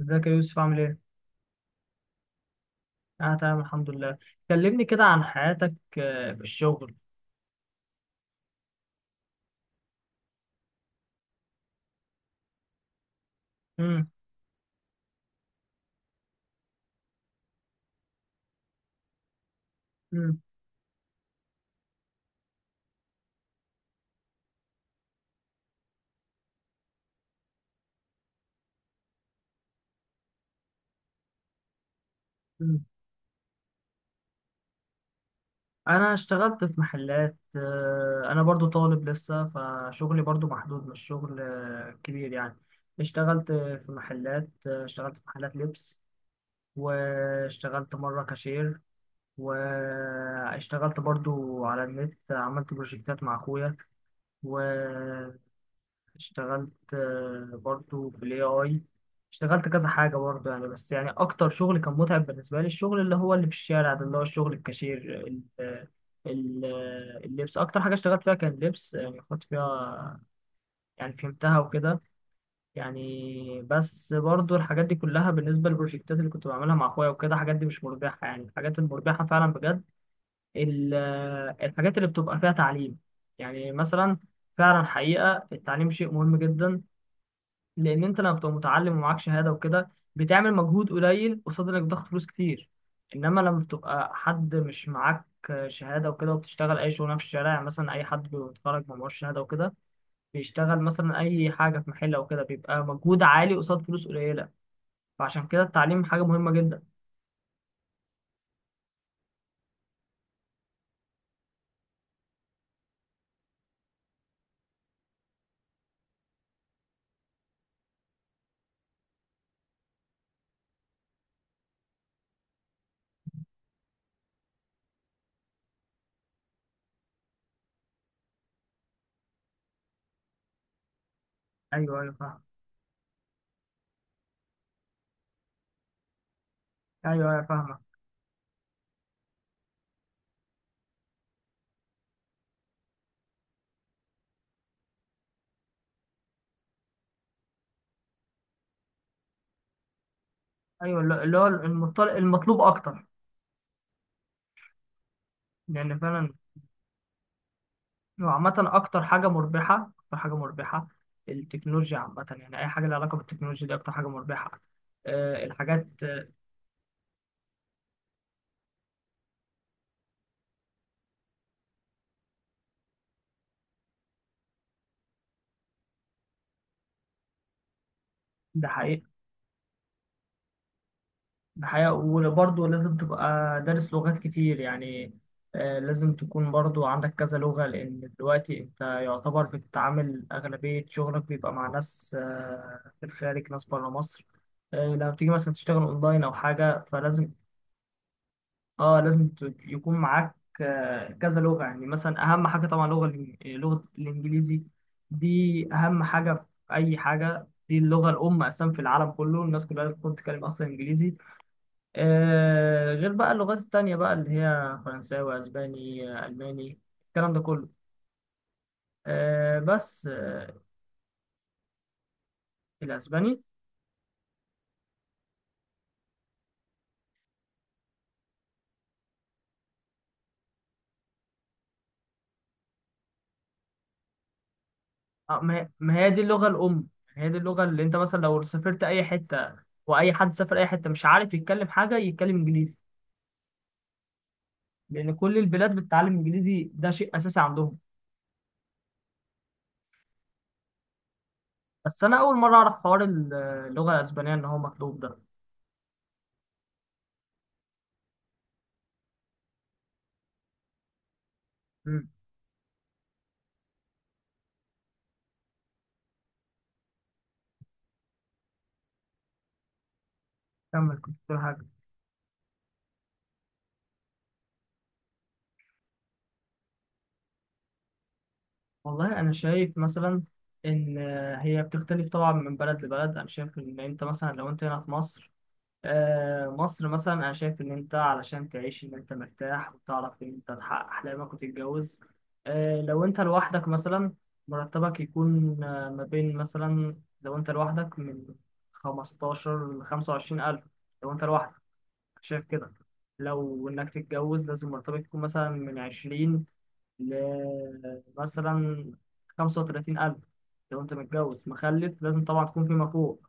ازيك يا يوسف، عامل ايه؟ انا تمام الحمد لله. كلمني كده عن حياتك في الشغل. مم. مم. مم. انا اشتغلت في محلات. انا برضو طالب لسه، فشغلي برضو محدود، مش شغل كبير يعني. اشتغلت في محلات، اشتغلت في محلات لبس، واشتغلت مرة كاشير، واشتغلت برضو على النت، عملت بروجكتات مع اخويا، و اشتغلت برضو بالاي اي. اشتغلت كذا حاجة برضو يعني، بس يعني اكتر شغل كان متعب بالنسبة لي الشغل اللي هو اللي في الشارع ده، اللي هو الشغل الكاشير. ال- ال- اللبس اكتر حاجة اشتغلت فيها كان لبس، يعني كنت فيها، يعني فهمتها وكده. يعني بس برضو الحاجات دي كلها، بالنسبة للبروجكتات اللي كنت بعملها مع اخويا وكده، الحاجات دي مش مربحة. يعني الحاجات المربحة فعلا بجد ال- الحاجات اللي بتبقى فيها تعليم، يعني مثلا. فعلا، حقيقة التعليم شيء مهم جدا، لان انت لما بتبقى متعلم ومعاك شهاده وكده بتعمل مجهود قليل قصاد انك ضغط فلوس كتير. انما لما بتبقى حد مش معاك شهاده وكده، وبتشتغل اي شغلانه في الشارع يعني، مثلا اي حد بيبقى متخرج ما معهوش شهاده وكده بيشتغل مثلا اي حاجه في محل او كده، بيبقى مجهود عالي قصاد فلوس قليله. فعشان كده التعليم حاجه مهمه جدا. ايوه، ايوه، فاهم. ايوه، ايوه، فاهمه. ايوه، اللي اللي هو المطلوب اكتر، لان فعلا. وعامة أكتر حاجة مربحة، أكتر حاجة مربحة، التكنولوجيا عامة، يعني أي حاجة لها علاقة بالتكنولوجيا دي أكتر حاجة مربحة. أه الحاجات. ده حقيقة. ده حقيقة، وبرضه لازم تبقى دارس لغات كتير يعني. أه لازم تكون برضه عندك كذا لغة، لأن دلوقتي أنت يعتبر بتتعامل، أغلبية شغلك بيبقى مع ناس في الخارج، ناس بره مصر. أه لما بتيجي مثلا تشتغل أونلاين أو حاجة فلازم. اه لازم يكون معاك كذا لغة، يعني مثلا أهم حاجة طبعا لغة لغة الإنجليزي، دي أهم حاجة في أي حاجة. دي اللغة الأم أساسا، في العالم كله الناس كلها بتكون تتكلم أصلا إنجليزي. آه، غير بقى اللغات التانية بقى اللي هي فرنساوي، أسباني، ألماني، الكلام ده كله. بس الأسباني. ما هي دي اللغة الأم، هي دي اللغة اللي أنت مثلا لو سافرت أي حتة، وأي حد سافر أي حتة مش عارف يتكلم حاجة يتكلم إنجليزي. لان كل البلاد بتتعلم انجليزي، ده شيء اساسي عندهم. بس انا اول مره اعرف حوار اللغه الاسبانيه ان هو مطلوب ده. امم، كمل كنت بتقول حاجه. والله انا شايف مثلا ان هي بتختلف طبعا من بلد لبلد. انا شايف ان انت مثلا لو انت هنا في مصر، مصر مثلا، انا شايف ان انت علشان تعيش ان انت مرتاح وتعرف ان انت تحقق احلامك وتتجوز، لو انت لوحدك مثلا، مرتبك يكون ما بين مثلا، لو انت لوحدك من 15 ل 25 الف، لو انت لوحدك، شايف كده. لو انك تتجوز لازم مرتبك يكون مثلا من 20 ل مثلا 35 الف. لو انت متجوز مخلف لازم طبعا تكون فيما فوق.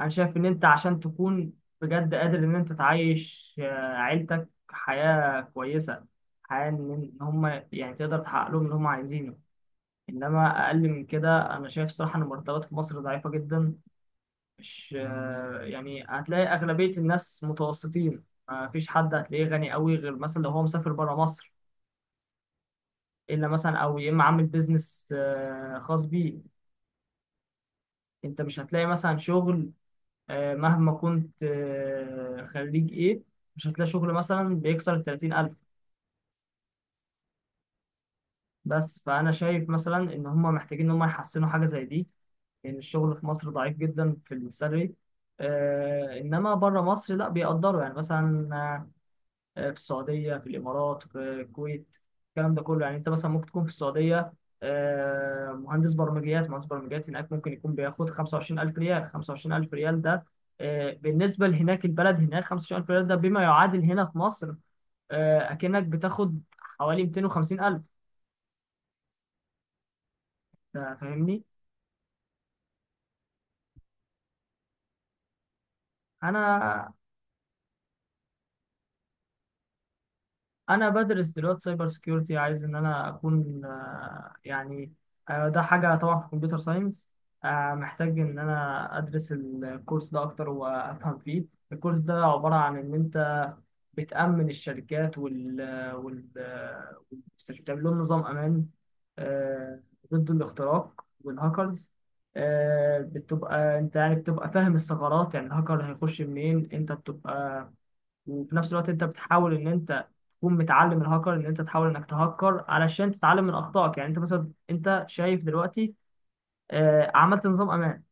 انا شايف ان انت عشان تكون بجد قادر ان انت تعيش عيلتك حياة كويسة، حياة ان إن هم، يعني تقدر تحقق لهم اللي هم عايزينه. انما اقل من كده انا شايف صراحة ان المرتبات في مصر ضعيفة جدا. مش يعني هتلاقي اغلبية الناس متوسطين، ما فيش حد هتلاقيه غني قوي غير مثلا لو هو مسافر بره مصر، الا مثلا، او يا اما عامل بيزنس خاص بيه. انت مش هتلاقي مثلا شغل، مهما كنت خريج ايه، مش هتلاقي شغل مثلا بيكسر التلاتين ألف. بس فأنا شايف مثلا إن هما محتاجين إن هما يحسنوا حاجة زي دي، لأن الشغل في مصر ضعيف جدا في السالري. إنما بره مصر لأ بيقدروا، يعني مثلا، في السعودية، في الإمارات، في الكويت، الكلام ده كله. يعني أنت مثلا ممكن تكون في السعودية مهندس برمجيات، مهندس برمجيات هناك ممكن يكون بياخد 25000 ريال. 25000 ريال ده بالنسبة لهناك البلد، هناك 25000 ريال ده بما يعادل هنا في مصر أكنك بتاخد حوالي 250000. ده فاهمني؟ أنا بدرس دلوقتي سايبر سكيورتي، عايز ان انا اكون ده حاجه طبعا في كمبيوتر ساينس. محتاج ان انا ادرس الكورس ده اكتر وافهم فيه. الكورس ده عباره عن ان انت بتامن الشركات وال والمستشفيات، بتعمل لهم نظام امان آه، ضد الاختراق والهاكرز. بتبقى انت يعني بتبقى فاهم الثغرات، يعني الهاكر هيخش منين انت بتبقى. وفي نفس الوقت انت بتحاول ان انت تكون متعلم الهاكر، ان انت تحاول انك تهكر علشان تتعلم من اخطائك. يعني انت مثلا، انت شايف دلوقتي، عملت نظام امان،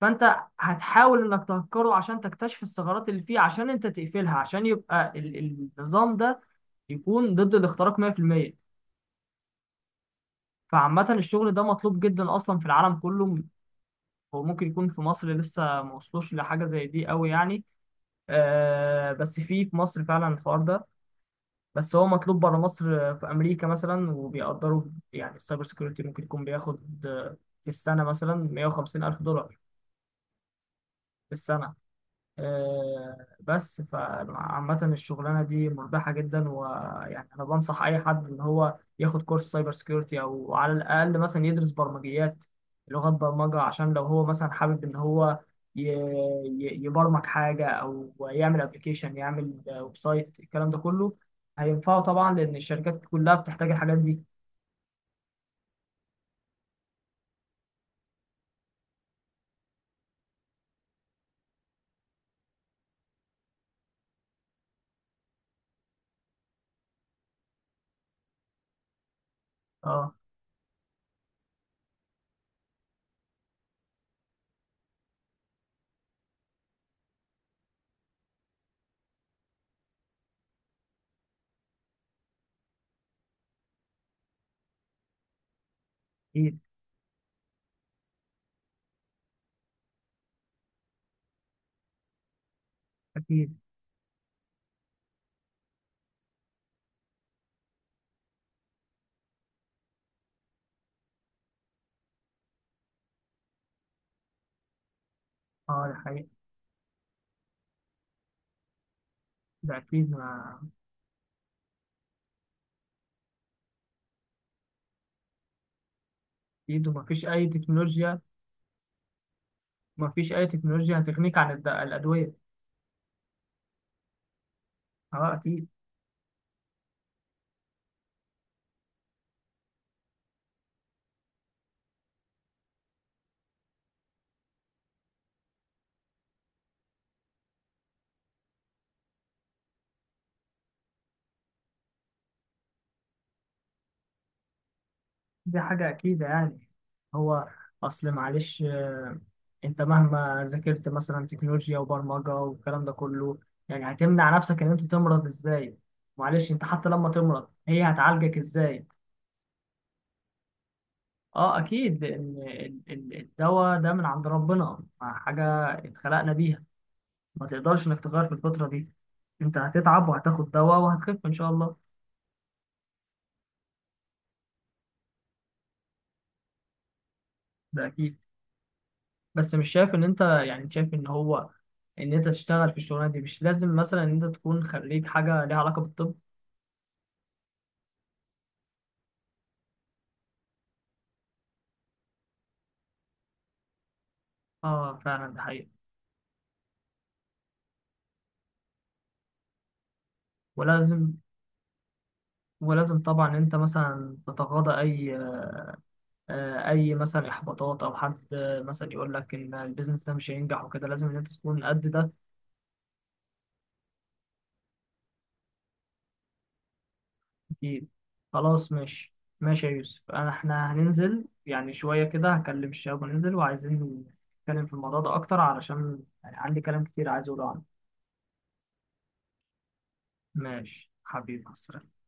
فانت هتحاول انك تهكره عشان تكتشف الثغرات اللي فيه عشان انت تقفلها عشان يبقى النظام ده يكون ضد الاختراق 100%. فعامة الشغل ده مطلوب جدا اصلا في العالم كله، وممكن يكون في مصر لسه ما وصلوش لحاجة زي دي قوي يعني. بس في مصر فعلا الحوار ده. بس هو مطلوب بره مصر، في امريكا مثلا، وبيقدروا يعني. السايبر سيكيورتي ممكن يكون بياخد في السنه مثلا 150 الف دولار في السنه. بس فعامة الشغلانة دي مربحة جدا، ويعني أنا بنصح أي حد إن هو ياخد كورس سايبر سيكيورتي، أو على الأقل مثلا يدرس برمجيات، لغات برمجة، عشان لو هو مثلا حابب إن هو يبرمج حاجة أو يعمل أبلكيشن، يعمل ويب سايت، الكلام ده كله هينفعه طبعا، لأن الشركات كلها بتحتاج الحاجات دي. أه أكيد. أكيد. أه ده حقيقي. ده أكيد. ما أكيد، ومفيش أي تكنولوجيا، مفيش أي تكنولوجيا هتغنيك عن الأدوية. اه اكيد. دي حاجة اكيد يعني. هو اصل معلش، انت مهما ذاكرت مثلا تكنولوجيا وبرمجة والكلام ده كله، يعني هتمنع نفسك ان انت تمرض ازاي؟ معلش، انت حتى لما تمرض هي هتعالجك ازاي؟ اه اكيد، ان الدواء ده من عند ربنا، حاجة اتخلقنا بيها، ما تقدرش انك تغير في الفترة دي. انت هتتعب وهتاخد دواء وهتخف ان شاء الله. ده اكيد. بس مش شايف ان انت، يعني شايف ان هو ان انت تشتغل في الشغلانه دي مش لازم مثلا ان انت تكون خريج حاجه ليها علاقه بالطب. اه فعلا ده حقيقي. ولازم ولازم طبعا ان انت مثلا تتغاضى اي اي مثلا احباطات، او حد مثلا يقول لك ان البيزنس ده مش هينجح وكده، لازم ان انت تكون قد ده. اكيد. خلاص، ماشي. ماشي يا يوسف، انا احنا هننزل يعني شويه كده، هكلم الشباب وننزل، وعايزين نتكلم في الموضوع ده اكتر، علشان يعني عندي كلام كتير عايز اقوله عنه. ماشي حبيبي، مع السلامة.